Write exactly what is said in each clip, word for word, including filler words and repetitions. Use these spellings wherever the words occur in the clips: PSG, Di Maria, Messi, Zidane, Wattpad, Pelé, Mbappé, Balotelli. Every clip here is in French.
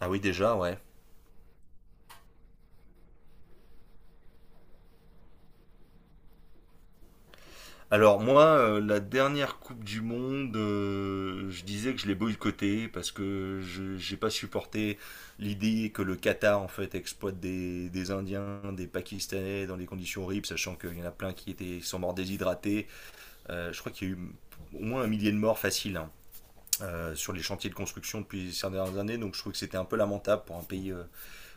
Ah oui, déjà, ouais. Alors moi, euh, la dernière Coupe du Monde, euh, je disais que je l'ai boycottée parce que je j'ai pas supporté l'idée que le Qatar en fait exploite des, des Indiens, des Pakistanais dans des conditions horribles, sachant qu'il y en a plein qui étaient qui sont morts déshydratés. Euh, je crois qu'il y a eu au moins un millier de morts faciles, hein, euh, sur les chantiers de construction depuis ces dernières années, donc je trouve que c'était un peu lamentable pour un pays euh,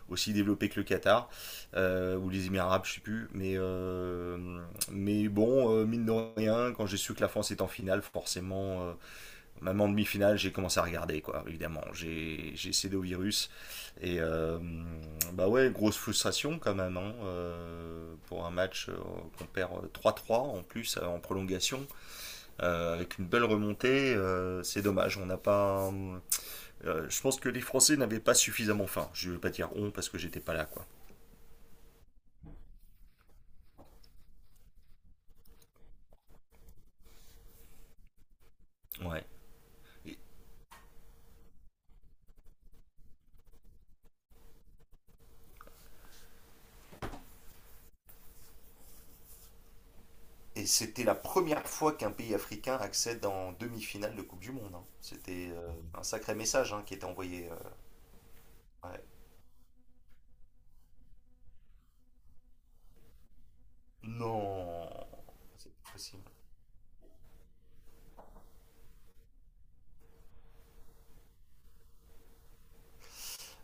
aussi développé que le Qatar euh, ou les Émirats arabes, je ne sais plus. Mais, euh, mais bon, euh, mine de rien, quand j'ai su que la France est en finale, forcément, euh, même en demi-finale, j'ai commencé à regarder, quoi, évidemment. J'ai j'ai cédé au virus. Et euh, bah ouais, grosse frustration quand même, hein, euh, pour un match euh, qu'on perd trois trois en plus, euh, en prolongation, euh, avec une belle remontée. Euh, c'est dommage, on n'a pas. euh, je pense que les Français n'avaient pas suffisamment faim. Je ne vais pas dire on parce que j'étais pas là, quoi. Ouais. Et, et c'était la première fois qu'un pays africain accède en demi-finale de Coupe du Monde, hein. C'était euh, un sacré message, hein, qui était envoyé. Euh, ouais. Non, c'est pas possible.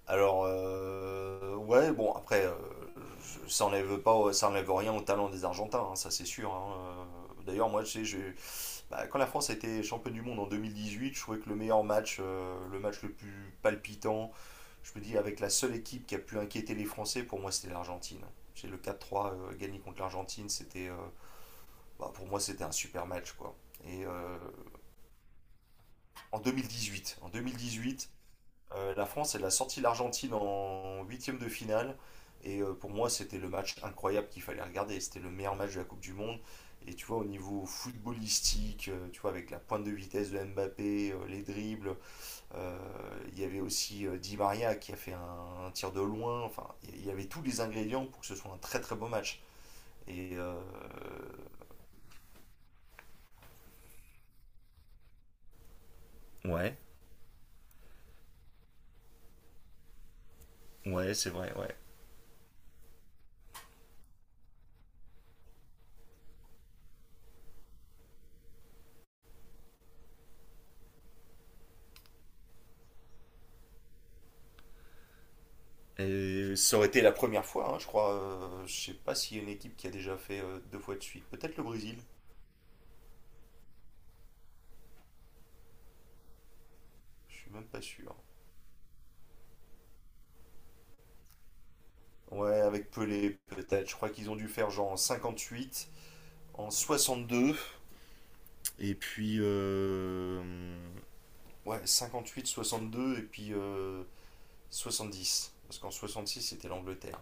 Alors, euh, ouais, bon, après, euh, ça n'enlève pas, ça enlève rien au talent des Argentins, hein, ça c'est sûr, hein. Euh, D'ailleurs, moi, tu sais, j'ai- bah, quand la France a été championne du monde en deux mille dix-huit, je trouvais que le meilleur match, euh, le match le plus palpitant, je me dis, avec la seule équipe qui a pu inquiéter les Français, pour moi, c'était l'Argentine. J'ai le quatre trois, euh, gagné contre l'Argentine, c'était, euh, bah, pour moi, c'était un super match, quoi. Et euh, en deux mille dix-huit, en deux mille dix-huit, euh, la France, elle a sorti l'Argentine en huitième de finale. Et euh, pour moi, c'était le match incroyable qu'il fallait regarder. C'était le meilleur match de la Coupe du Monde. Et tu vois, au niveau footballistique, euh, tu vois, avec la pointe de vitesse de Mbappé, euh, les dribbles, euh, il y avait aussi euh, Di Maria qui a fait un, un tir de loin. Enfin, il y avait tous les ingrédients pour que ce soit un très très beau match. Et euh... Ouais, ouais, c'est vrai, ouais. Et ça aurait été la première fois, hein, je crois. Euh, je sais pas s'il y a une équipe qui a déjà fait euh, deux fois de suite. Peut-être le Brésil, je suis même pas sûr. Ouais, avec Pelé, peut-être. Je crois qu'ils ont dû faire genre en huit en soixante-deux. Et puis, euh, ouais, cinquante-huit, soixante-deux et puis euh, soixante-dix parce qu'en soixante-six c'était l'Angleterre.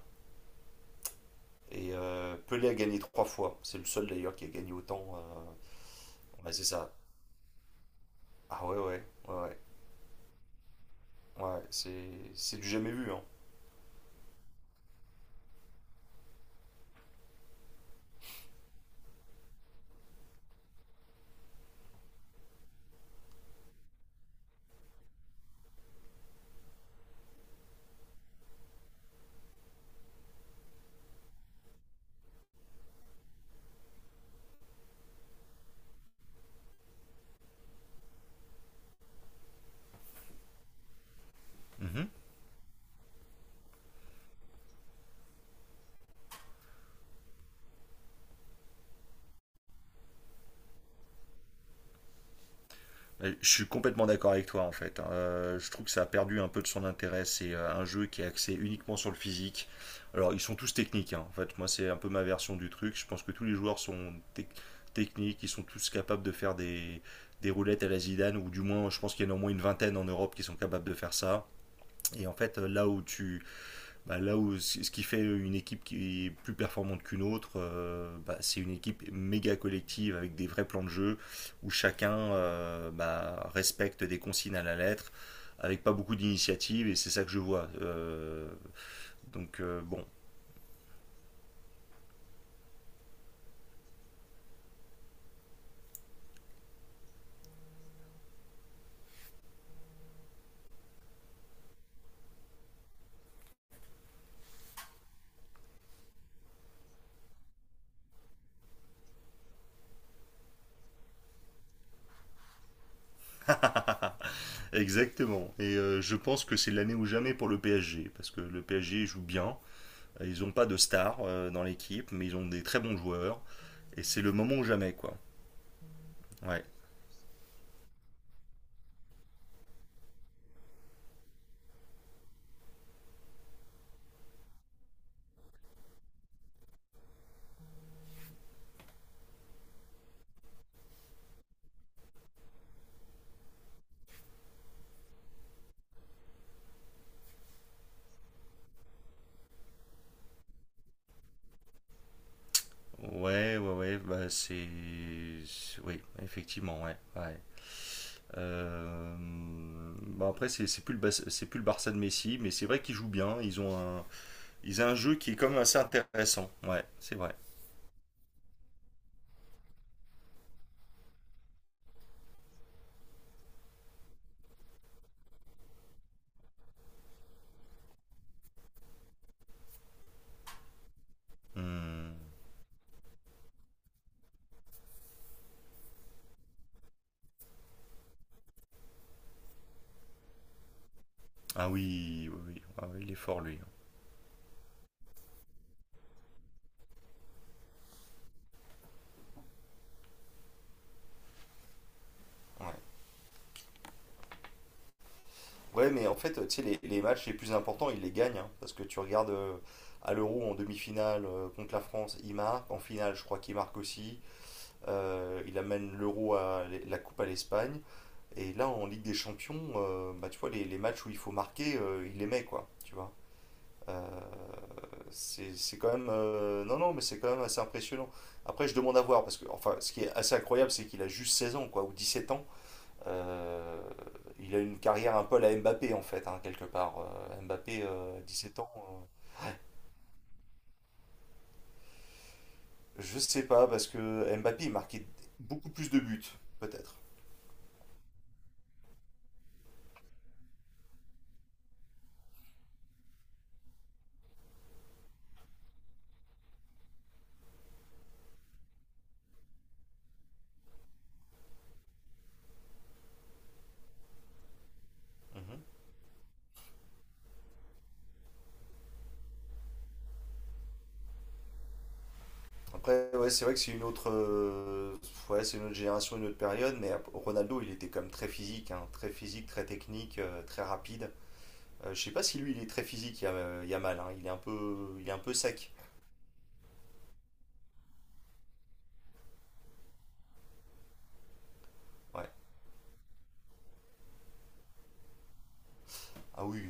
Et euh, Pelé a gagné trois fois. C'est le seul d'ailleurs qui a gagné autant. euh. Ouais, c'est ça. Ah ouais, ouais, ouais, ouais. Ouais, c'est c'est du jamais vu, hein. Mhm. Euh, Je suis complètement d'accord avec toi en fait, hein. Euh, je trouve que ça a perdu un peu de son intérêt. C'est euh, un jeu qui est axé uniquement sur le physique. Alors ils sont tous techniques, hein. En fait, moi c'est un peu ma version du truc. Je pense que tous les joueurs sont tec- techniques. Ils sont tous capables de faire des, des roulettes à la Zidane ou du moins je pense qu'il y en a au moins une vingtaine en Europe qui sont capables de faire ça. Et en fait, euh, là où tu bah, là où ce qui fait une équipe qui est plus performante qu'une autre, euh, bah, c'est une équipe méga collective avec des vrais plans de jeu où chacun, euh, bah, respecte des consignes à la lettre avec pas beaucoup d'initiative et c'est ça que je vois. Euh, donc euh, bon, exactement. Et euh, je pense que c'est l'année ou jamais pour le P S G parce que le P S G joue bien. Ils n'ont pas de stars euh, dans l'équipe, mais ils ont des très bons joueurs et c'est le moment ou jamais, quoi. Ouais. Ouais, ouais, ouais, bah c'est... c'est- Oui, effectivement, ouais, ouais. Euh, Bon après c'est c'est plus le Bas- c'est plus le Barça de Messi, mais c'est vrai qu'ils jouent bien, ils ont un... ils ont un jeu qui est quand même assez intéressant, ouais, c'est vrai. Hmm. Ah oui, oui, oui. Ah oui, il est fort lui. Ouais. Ouais, mais en fait, tu sais, les, les matchs les plus importants, ils les gagnent, hein, parce que tu regardes euh, à l'Euro en demi-finale euh, contre la France, il marque. En finale, je crois qu'il marque aussi. Euh, il amène l'Euro à la Coupe à l'Espagne. Et là, en Ligue des Champions, euh, bah, tu vois, les, les, matchs où il faut marquer, euh, il les met, quoi. Tu vois. Euh, c'est c'est quand même. Euh, non, non, mais c'est quand même assez impressionnant. Après, je demande à voir, parce que, enfin, ce qui est assez incroyable, c'est qu'il a juste seize ans, quoi, ou dix-sept ans. Euh, il a une carrière un peu à la Mbappé, en fait, hein, quelque part. Euh, Mbappé, euh, dix-sept ans. Euh, je sais pas, parce que Mbappé, il marquait beaucoup plus de buts, peut-être. Mhm. Après, ouais, c'est vrai que c'est une autre, euh, ouais, c'est une autre génération, une autre période, mais ap- Ronaldo, il était quand même très physique, hein, très physique, très technique, euh, très rapide. Euh, je sais pas si lui, il est très physique, il y a mal, il est un peu, il est un peu sec. Ouais. Ah oui,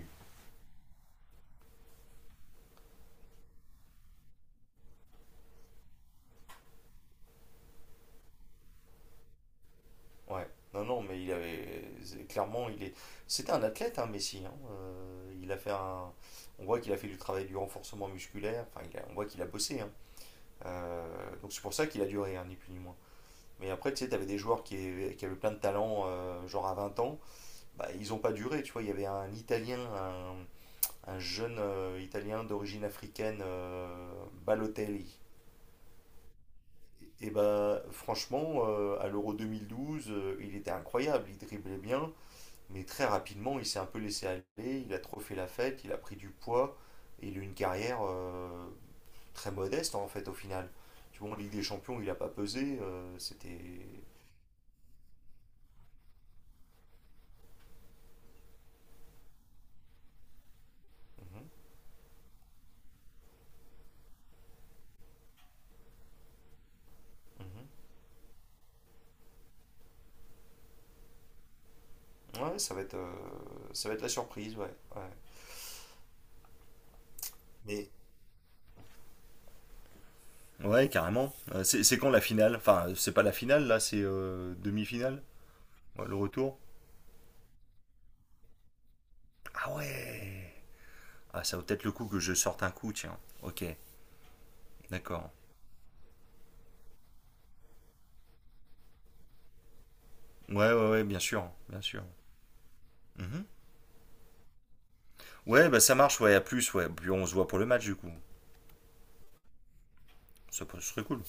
ouais. Non, non, mais il avait, c'est- clairement, il est, c'était un athlète, hein, Messi, hein. Euh, il a fait un, on voit qu'il a fait du travail du renforcement musculaire. Enfin, il a- on voit qu'il a bossé, hein. Euh, donc c'est pour ça qu'il a duré, hein, ni plus ni moins. Mais après, tu sais, t'avais des joueurs qui, qui avaient plein de talent, euh, genre à vingt ans, bah, ils n'ont pas duré, tu vois. Il y avait un Italien, un, un jeune euh, Italien d'origine africaine, euh, Balotelli. Et bah, franchement, euh, à l'Euro deux mille douze, euh, il était incroyable, il driblait bien, mais très rapidement, il s'est un peu laissé aller, il a trop fait la fête, il a pris du poids, et il a eu une carrière euh, très modeste, en fait, au final. Tu vois, en Ligue des Champions, il a pas pesé, euh, c'était... Mhm, mhm. Ouais, ça va être, euh, ça va être la surprise, ouais, ouais. Mais ouais, carrément. Euh, c'est c'est quand la finale? Enfin, c'est pas la finale, là, c'est euh, demi-finale. Ouais, le retour. Ah ouais! Ah, ça vaut peut-être le coup que je sorte un coup, tiens. Ok, d'accord. Ouais, ouais, ouais, bien sûr, bien sûr. Mhm. Ouais, bah ça marche, ouais, à plus, ouais. Puis on se voit pour le match, du coup. Ça peut- serait cool.